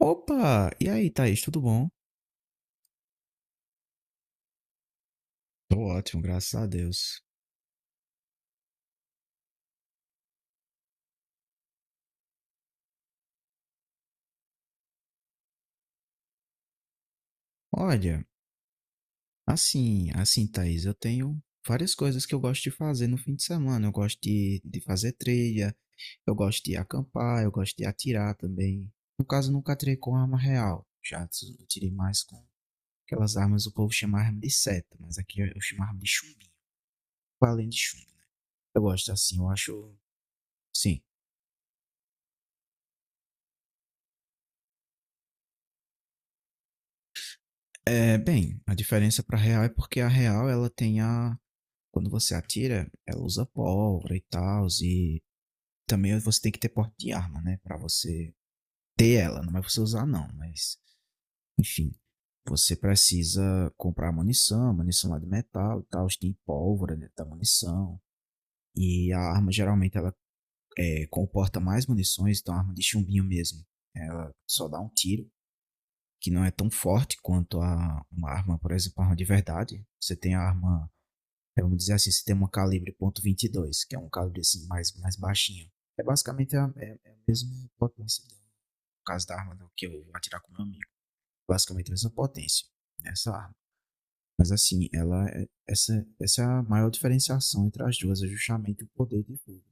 Opa! E aí, Thaís, tudo bom? Tô ótimo, graças a Deus. Olha, Thaís, eu tenho várias coisas que eu gosto de fazer no fim de semana. Eu gosto de fazer trilha, eu gosto de acampar, eu gosto de atirar também. No caso, nunca atirei com arma real. Atirei mais com aquelas armas, o povo chama arma de seta, mas aqui eu chamo arma de chumbinho. Além de chumbo. Eu gosto assim, eu acho. Sim. A diferença pra real é porque a real ela tem a. Quando você atira, ela usa pólvora e tal, e também você tem que ter porte de arma, né? Pra você ter ela, não é pra você usar não, mas enfim. Você precisa comprar munição, munição lá de metal e tal, tem pólvora dentro da munição. E a arma geralmente ela comporta mais munições, então a arma de chumbinho mesmo. Ela só dá um tiro, que não é tão forte quanto a uma arma, por exemplo, a arma de verdade. Você tem a arma. Vamos dizer assim, se tem um calibre .22, que é um calibre assim mais baixinho. É basicamente é a mesma potência, do, no caso da arma do que eu vou atirar com meu amigo. Basicamente a mesma potência nessa arma. Mas assim, essa é a maior diferenciação entre as duas, é justamente o poder de fogo.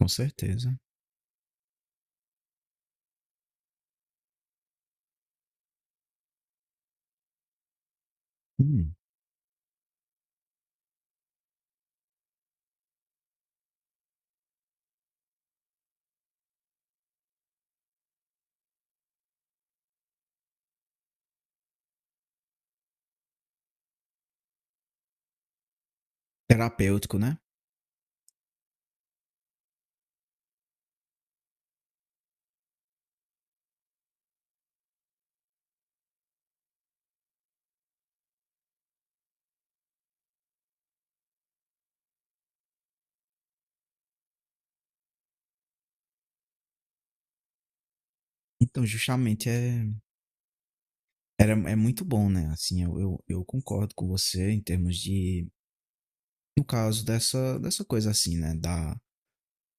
Com certeza. Hum, terapêutico, né? Então, justamente é, é muito bom, né? Assim, eu concordo com você em termos de. No caso dessa coisa assim, né? Da.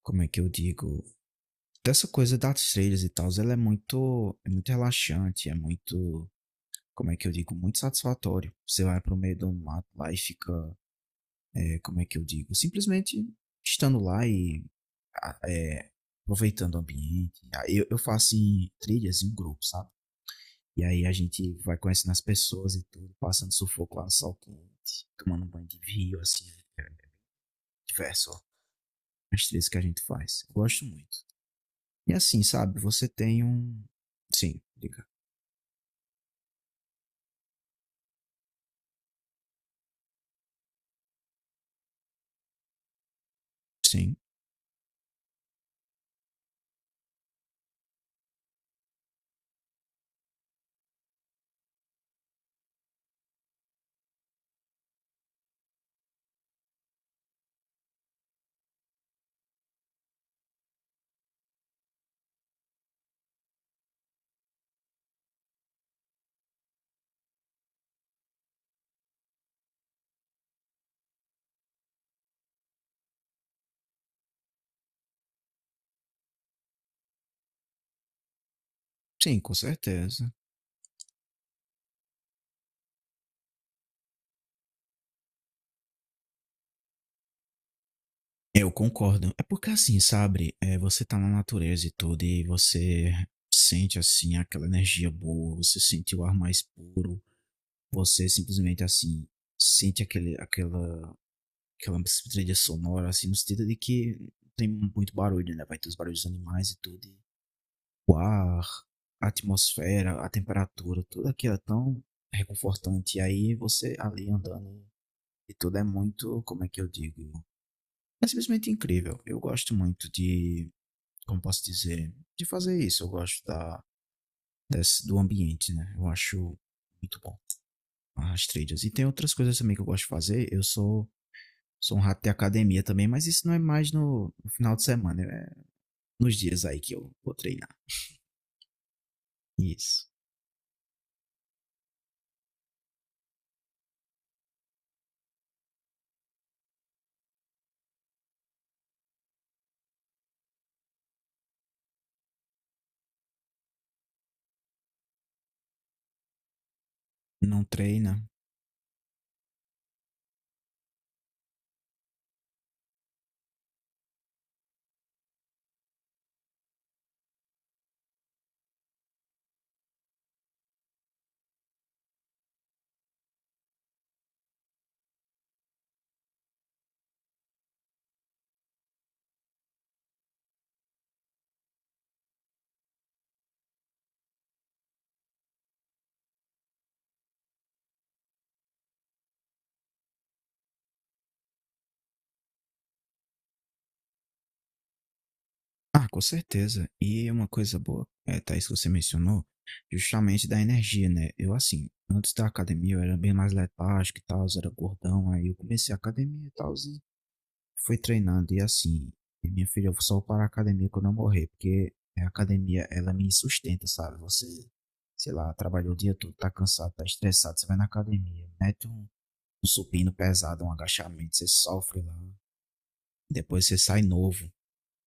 Como é que eu digo? Dessa coisa das trilhas e tal, ela é é muito relaxante, é muito, como é que eu digo, muito satisfatório. Você vai pro meio do mato lá e fica, como é que eu digo, simplesmente estando lá e ah, é, aproveitando o ambiente. Ah, eu faço em trilhas em um grupo, sabe? E aí a gente vai conhecendo as pessoas e tudo, passando sufoco lá no sol quente, tomando um banho de rio, assim, é, diverso, ó, as trilhas que a gente faz. Eu gosto muito. E assim, sabe, você tem um... Sim, diga. Sim, sim, com certeza. Eu concordo. É porque assim, sabe, você tá na natureza e tudo, e você sente assim aquela energia boa, você sente o ar mais puro, você simplesmente assim sente aquela trilha sonora, assim, no sentido de que tem muito barulho, né? Vai ter os barulhos dos animais e tudo. E o ar, a atmosfera, a temperatura, tudo aquilo é tão reconfortante. E aí você ali andando e tudo é muito, como é que eu digo? É simplesmente incrível. Eu gosto muito de, como posso dizer, de fazer isso. Eu gosto desse, do ambiente, né? Eu acho muito bom as trilhas. E tem outras coisas também que eu gosto de fazer. Sou um rato de academia também, mas isso não é mais no final de semana, é nos dias aí que eu vou treinar. Isso. Não treina. Ah, com certeza. E uma coisa boa, é, Thaís, que você mencionou, justamente da energia, né? Eu, assim, antes da academia eu era bem mais letárgico e tal, era gordão, aí eu comecei a academia e tal, e fui treinando. E assim, e minha filha, eu só vou parar a academia quando eu morrer, porque a academia, ela me sustenta, sabe? Você, sei lá, trabalhou o dia todo, tá cansado, tá estressado, você vai na academia, mete um supino pesado, um agachamento, você sofre lá, depois você sai novo.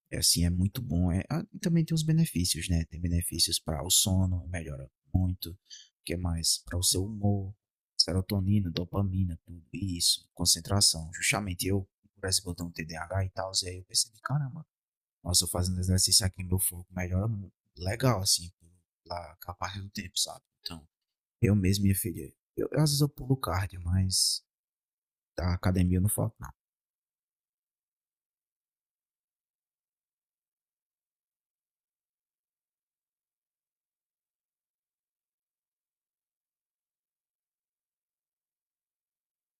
É assim, é muito bom. É, ah, e também tem os benefícios, né? Tem benefícios para o sono, melhora muito. O que é mais? Para o seu humor, serotonina, dopamina, tudo isso, concentração. Justamente eu, por exemplo, eu tenho um TDAH e tal, e aí eu percebi, caramba, nossa, eu fazendo exercício aqui, meu foco melhora muito. Legal, assim, pela capaz do tempo, sabe? Então, eu mesmo, minha filha, eu, às vezes eu pulo cardio, mas da academia eu não falta, não.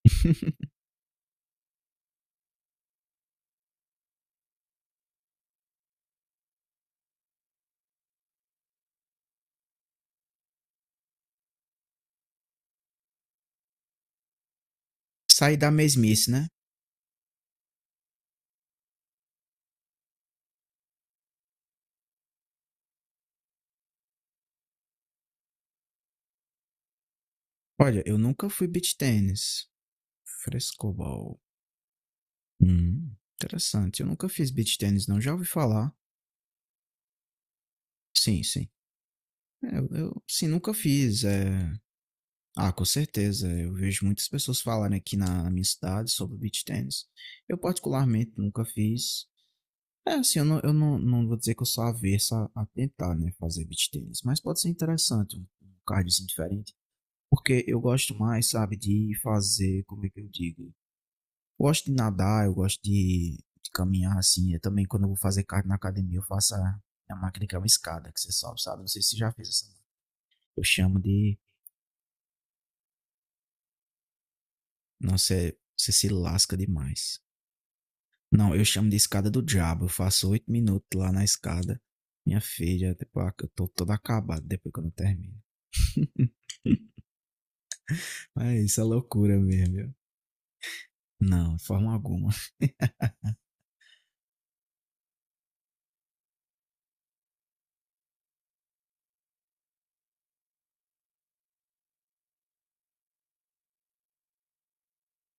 Sair da mesmice, né? Olha, eu nunca fui beat tênis, frescobol. Hum. Interessante. Eu nunca fiz beach tennis, não. Já ouvi falar. Sim, sim. É, nunca fiz. É. Ah, com certeza. Eu vejo muitas pessoas falarem aqui na minha cidade sobre beach tennis. Eu, particularmente, nunca fiz. É, assim, eu não, não vou dizer que eu sou avesso a tentar, né, fazer beach tennis. Mas pode ser interessante, um cardiozinho diferente. Porque eu gosto mais, sabe, de fazer, como é que eu digo? Gosto de nadar, eu gosto de caminhar assim. Eu também, quando eu vou fazer cardio na academia, eu faço a máquina que é uma escada que você sobe, sabe? Não sei se você já fez essa. Eu chamo de. Não sei, você se lasca demais. Não, eu chamo de escada do diabo. Eu faço 8 minutos lá na escada. Minha filha, tipo, ah, eu tô todo acabado depois quando eu termino. Mas isso é loucura mesmo, viu? Não, de forma alguma.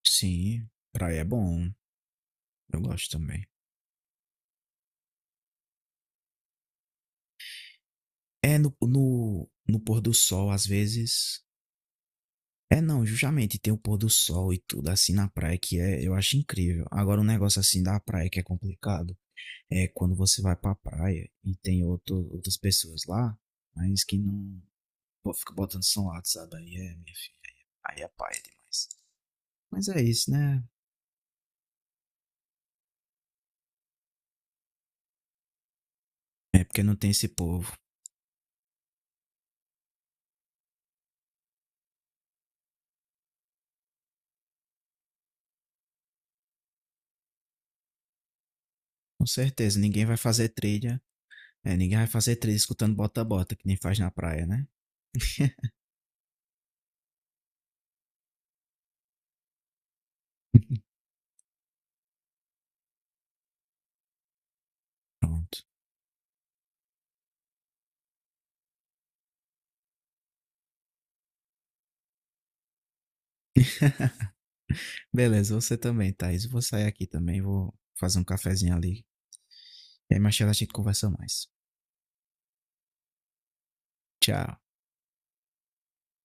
Sim, praia é bom. Eu gosto também. É no, no, no pôr do sol, às vezes. É, não, justamente tem o pôr do sol e tudo assim na praia que é, eu acho incrível. Agora, um negócio assim da praia que é complicado é quando você vai pra praia e tem outras pessoas lá, mas que não. Pô, fica botando som alto, sabe? Aí é, minha filha, aí é paia demais. Mas é isso, né? É porque não tem esse povo. Com certeza, ninguém vai fazer trilha. É, ninguém vai fazer trilha escutando bota-bota, que nem faz na praia, né? Pronto. Beleza, você também, Thaís. Eu vou sair aqui também, vou fazer um cafezinho ali. E aí mais tarde a gente conversa mais. Tchau.